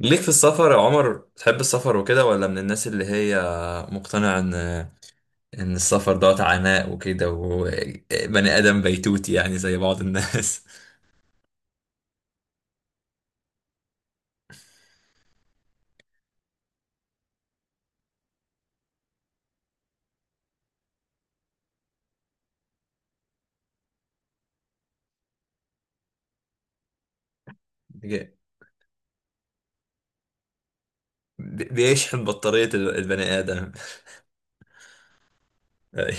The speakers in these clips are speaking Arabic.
ليك في السفر يا عمر، بتحب السفر وكده، ولا من الناس اللي هي مقتنعة ان السفر دوت عناء وكده، وبني ادم بيتوتي يعني زي بعض الناس؟ بي- بيشحن بطارية البني ادم. أي.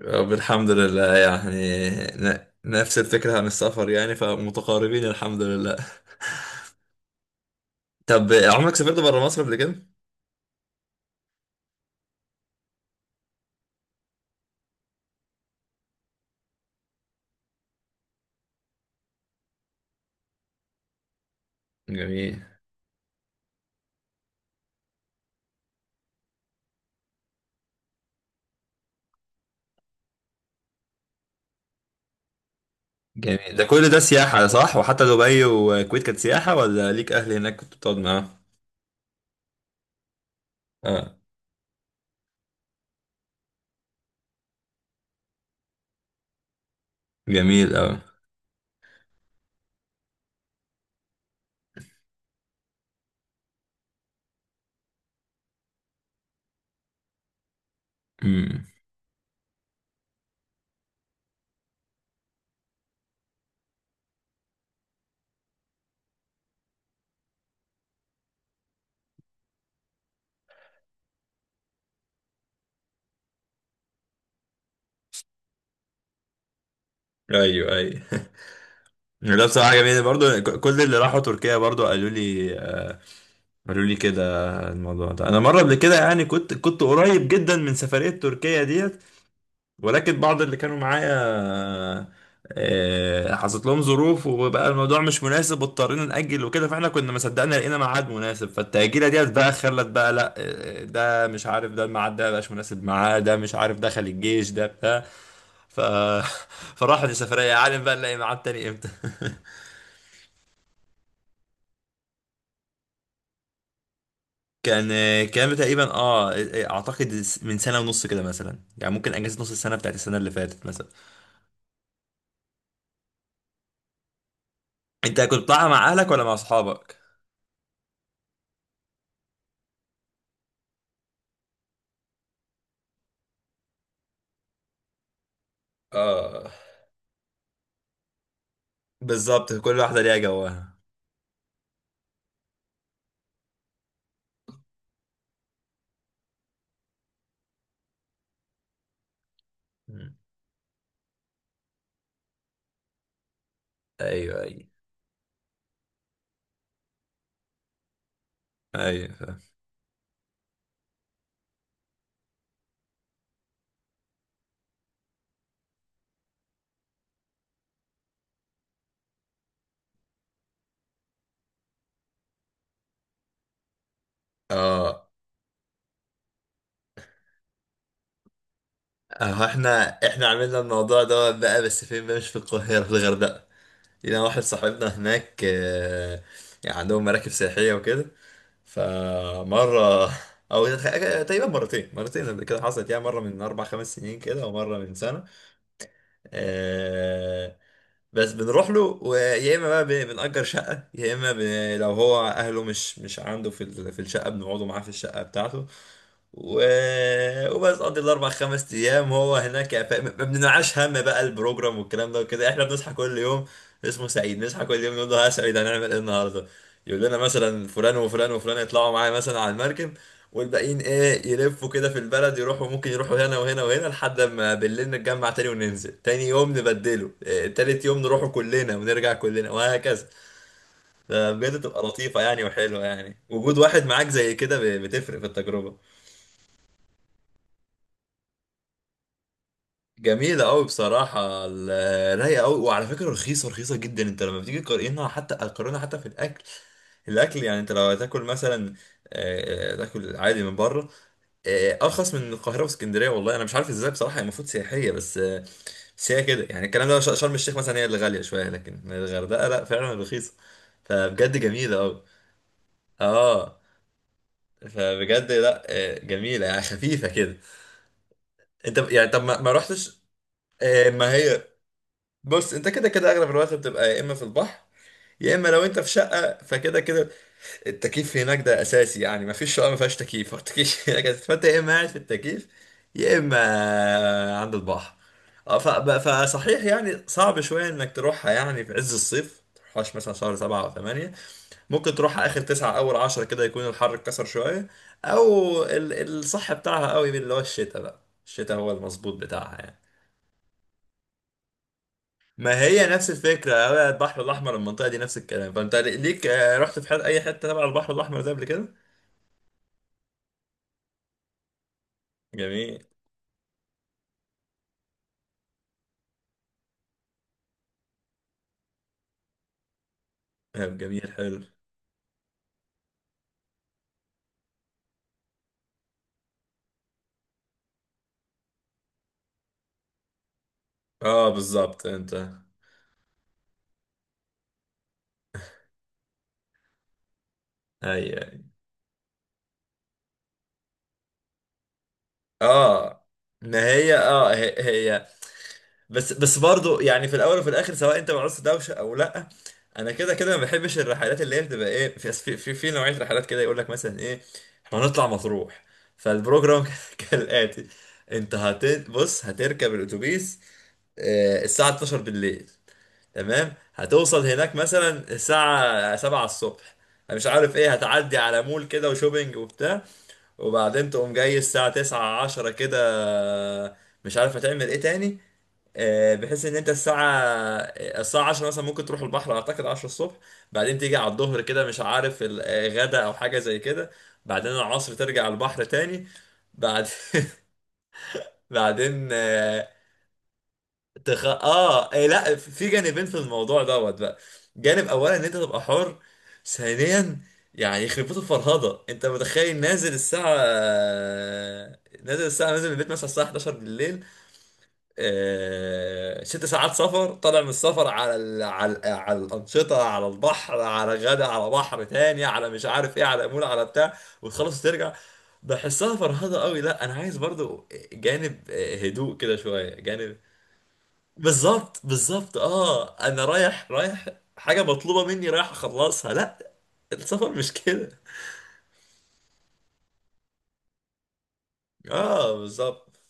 رب الحمد لله يعني. نفس الفكرة عن السفر يعني، فمتقاربين الحمد لله. طب عمرك سافرت بره مصر قبل كده؟ جميل. جميل، ده كل ده سياحة صح؟ وحتى دبي والكويت كانت سياحة، ولا ليك أهل هناك كنت بتقعد معاهم؟ آه. جميل أوي. امم. أيوه أيوه. لا بصراحة جميل برضو، كل اللي راحوا تركيا برضو قالوا لي قالوا لي كده. الموضوع ده أنا مرة قبل كده يعني كنت قريب جدا من سفرية تركيا ديت، ولكن بعض اللي كانوا معايا حصلت لهم ظروف وبقى الموضوع مش مناسب، واضطرينا نأجل وكده، فاحنا كنا ما صدقنا لقينا ميعاد مناسب. فالتأجيلة ديت بقى خلت بقى، لا ده مش عارف ده الميعاد ده مبقاش مناسب معاه، ده مش عارف دخل الجيش، ده بتاع. ف فراحت السفرية، يا عالم بقى نلاقي ميعاد تاني امتى. كان تقريبا، اعتقد من 1.5 سنة كده مثلا، يعني ممكن اجازة نص السنة بتاعت السنة اللي فاتت مثلا. انت كنت طالع مع اهلك ولا مع اصحابك؟ اه. بالظبط، كل واحدة ليها جواها. مم. ايوه ايوه. ايوه فاهم. اه احنا عملنا الموضوع ده بقى، بس فين بقى؟ مش في القاهرة، في الغردقة. لينا واحد صاحبنا هناك. يعني عندهم مراكب سياحية وكده. فمرة او تقريبا مرتين قبل كده حصلت يعني، مرة من 4 5 سنين كده، ومرة من سنة آه، بس بنروح له، ويا اما بقى بنأجر شقة، يا اما لو هو اهله مش عنده في الشقة، بنقعدوا معاه في الشقة بتاعته و... وبس. قضي ال4 5 ايام هو هناك. ما بننعاش هم بقى البروجرام والكلام ده وكده، احنا بنصحى كل يوم، اسمه سعيد، نصحى كل يوم نقول له ها يا سعيد، هنعمل ايه النهارده؟ يقول لنا مثلا فلان وفلان وفلان يطلعوا معايا مثلا على المركب، والباقيين ايه يلفوا كده في البلد، يروحوا ممكن يروحوا هنا وهنا وهنا، لحد ما بالليل نتجمع تاني، وننزل تاني يوم نبدله، إيه تالت يوم نروحوا كلنا ونرجع كلنا، وهكذا. ده بجد تبقى لطيفة يعني، وحلوة يعني، وجود واحد معاك زي كده بتفرق في التجربة. جميلة قوي بصراحة، رايقة قوي، وعلى فكرة رخيصة، رخيصة جدا. انت لما بتيجي تقارنها، حتى تقارنها حتى في الاكل، الاكل يعني انت لو هتاكل مثلا، تاكل عادي من بره، ارخص من القاهره واسكندريه. والله انا مش عارف ازاي بصراحه، هي المفروض سياحيه بس. بس هي كده يعني، الكلام ده شرم الشيخ مثلا هي اللي غاليه شويه، لكن الغردقه لا فعلا رخيصه. فبجد جميله قوي. اه، فبجد لا جميله يعني، خفيفه كده. انت يعني طب ما رحتش، ما هي. بص انت كده كده اغلب الوقت بتبقى يا اما في البحر، يا اما لو انت في شقه فكده كده، التكييف هناك ده اساسي يعني، ما فيش شقه ما فيهاش تكييف، هو التكييف هناك أساسي. فانت يا اما قاعد في التكييف، يا اما عند البحر. فصحيح يعني صعب شويه انك تروحها يعني في عز الصيف، تروحهاش مثلا شهر 7 أو 8، ممكن تروحها آخر 9 أول 10 كده، يكون الحر اتكسر شوية، أو الصح بتاعها قوي اللي هو الشتاء بقى. الشتاء هو المظبوط بتاعها يعني. ما هي نفس الفكرة، هو البحر الأحمر المنطقة دي نفس الكلام. فأنت ليك رحت في حد أي حتة تبع البحر الأحمر ده قبل كده؟ جميل. طب جميل، حلو. اه بالظبط. انت اي اي. اه، ما هي اه هي بس برضو يعني، في الاول وفي الاخر سواء انت مع نص دوشه او لا، انا كده كده ما بحبش الرحلات اللي هي بتبقى ايه، في نوعيه رحلات كده يقول لك مثلا ايه، احنا هنطلع مطروح، فالبروجرام كالاتي. انت هت بص، هتركب الاتوبيس الساعه 12 بالليل، تمام؟ هتوصل هناك مثلا الساعه 7 الصبح، مش عارف ايه، هتعدي على مول كده وشوبينج وبتاع، وبعدين تقوم جاي الساعة 9 10 كده، مش عارف هتعمل ايه تاني، بحيث ان انت الساعة، الساعة عشرة مثلا ممكن تروح البحر، اعتقد 10 الصبح، بعدين تيجي على الظهر كده، مش عارف الغدا او حاجة زي كده، بعدين العصر ترجع البحر تاني، بعد بعدين تخ... اه إيه، لا في جانبين في الموضوع دوت بقى. جانب اولا ان انت تبقى حر، ثانيا يعني يخرب بيت الفرهده، انت متخيل نازل الساعه، نازل من البيت مثلا الساعه 11 بالليل، 6 ساعات سفر، طالع من السفر على على الانشطه، على البحر، على غدا، على بحر تاني، على مش عارف ايه، على مول، على بتاع، وتخلص ترجع. بحسها فرهضة قوي. لا انا عايز برضو جانب هدوء كده شوية، جانب. بالظبط، اه انا رايح، رايح حاجه مطلوبه مني رايح اخلصها؟ لا، السفر مش كده. اه بالظبط.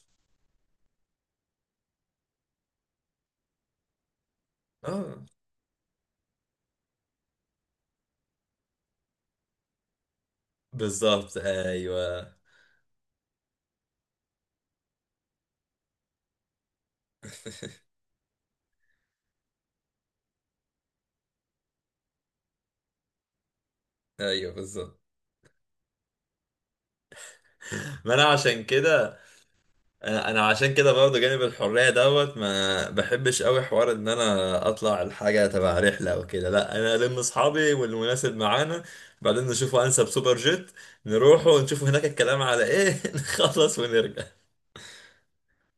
اه بالظبط. ايوه ايوه. بالظبط. ما انا عشان كده، انا عشان كده برضه، جانب الحريه دوت ما بحبش قوي حوار ان انا اطلع الحاجه تبع رحله او كده، لا، انا الم اصحابي والمناسب معانا، بعدين نشوفوا انسب سوبر جيت، نروحوا ونشوفوا هناك الكلام على ايه، نخلص ونرجع.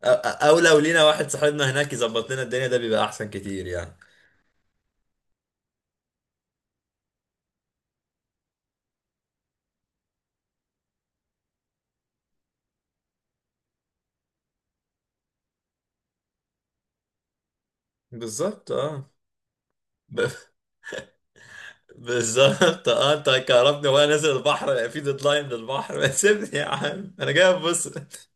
أو لو لينا واحد صاحبنا هناك يظبط لنا الدنيا، ده بيبقى أحسن كتير يعني. بالظبط اه ب... بالظبط. اه انت كهربني وانا نازل البحر في ديدلاين للبحر، ما سيبني يا عم، انا جاي ابص.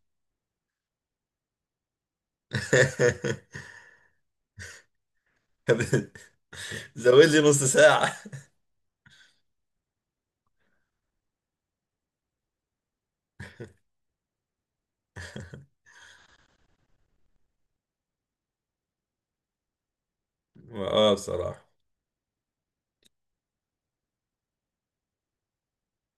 زود لي نص ساعة. اه بصراحة.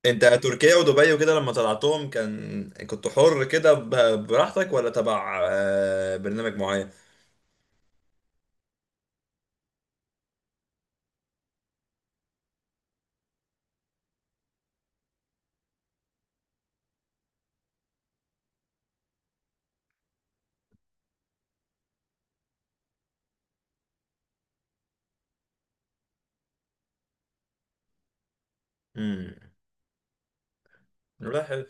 انت تركيا ودبي وكده لما طلعتهم كنت حر كده براحتك، ولا تبع برنامج معين؟ امم. لا، حلو.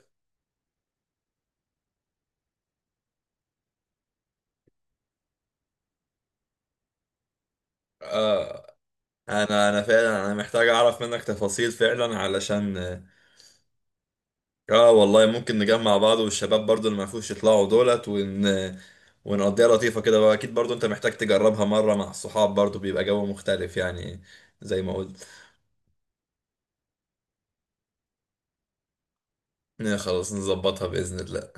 اه انا فعلا محتاج اعرف منك تفاصيل فعلا علشان. اه والله ممكن نجمع بعض والشباب برضو اللي ما فيهوش يطلعوا دولت ون، ونقضيها لطيفة كده بقى. اكيد برضو انت محتاج تجربها مرة مع الصحاب، برضو بيبقى جو مختلف يعني، زي ما قلت. خلاص نظبطها بإذن الله.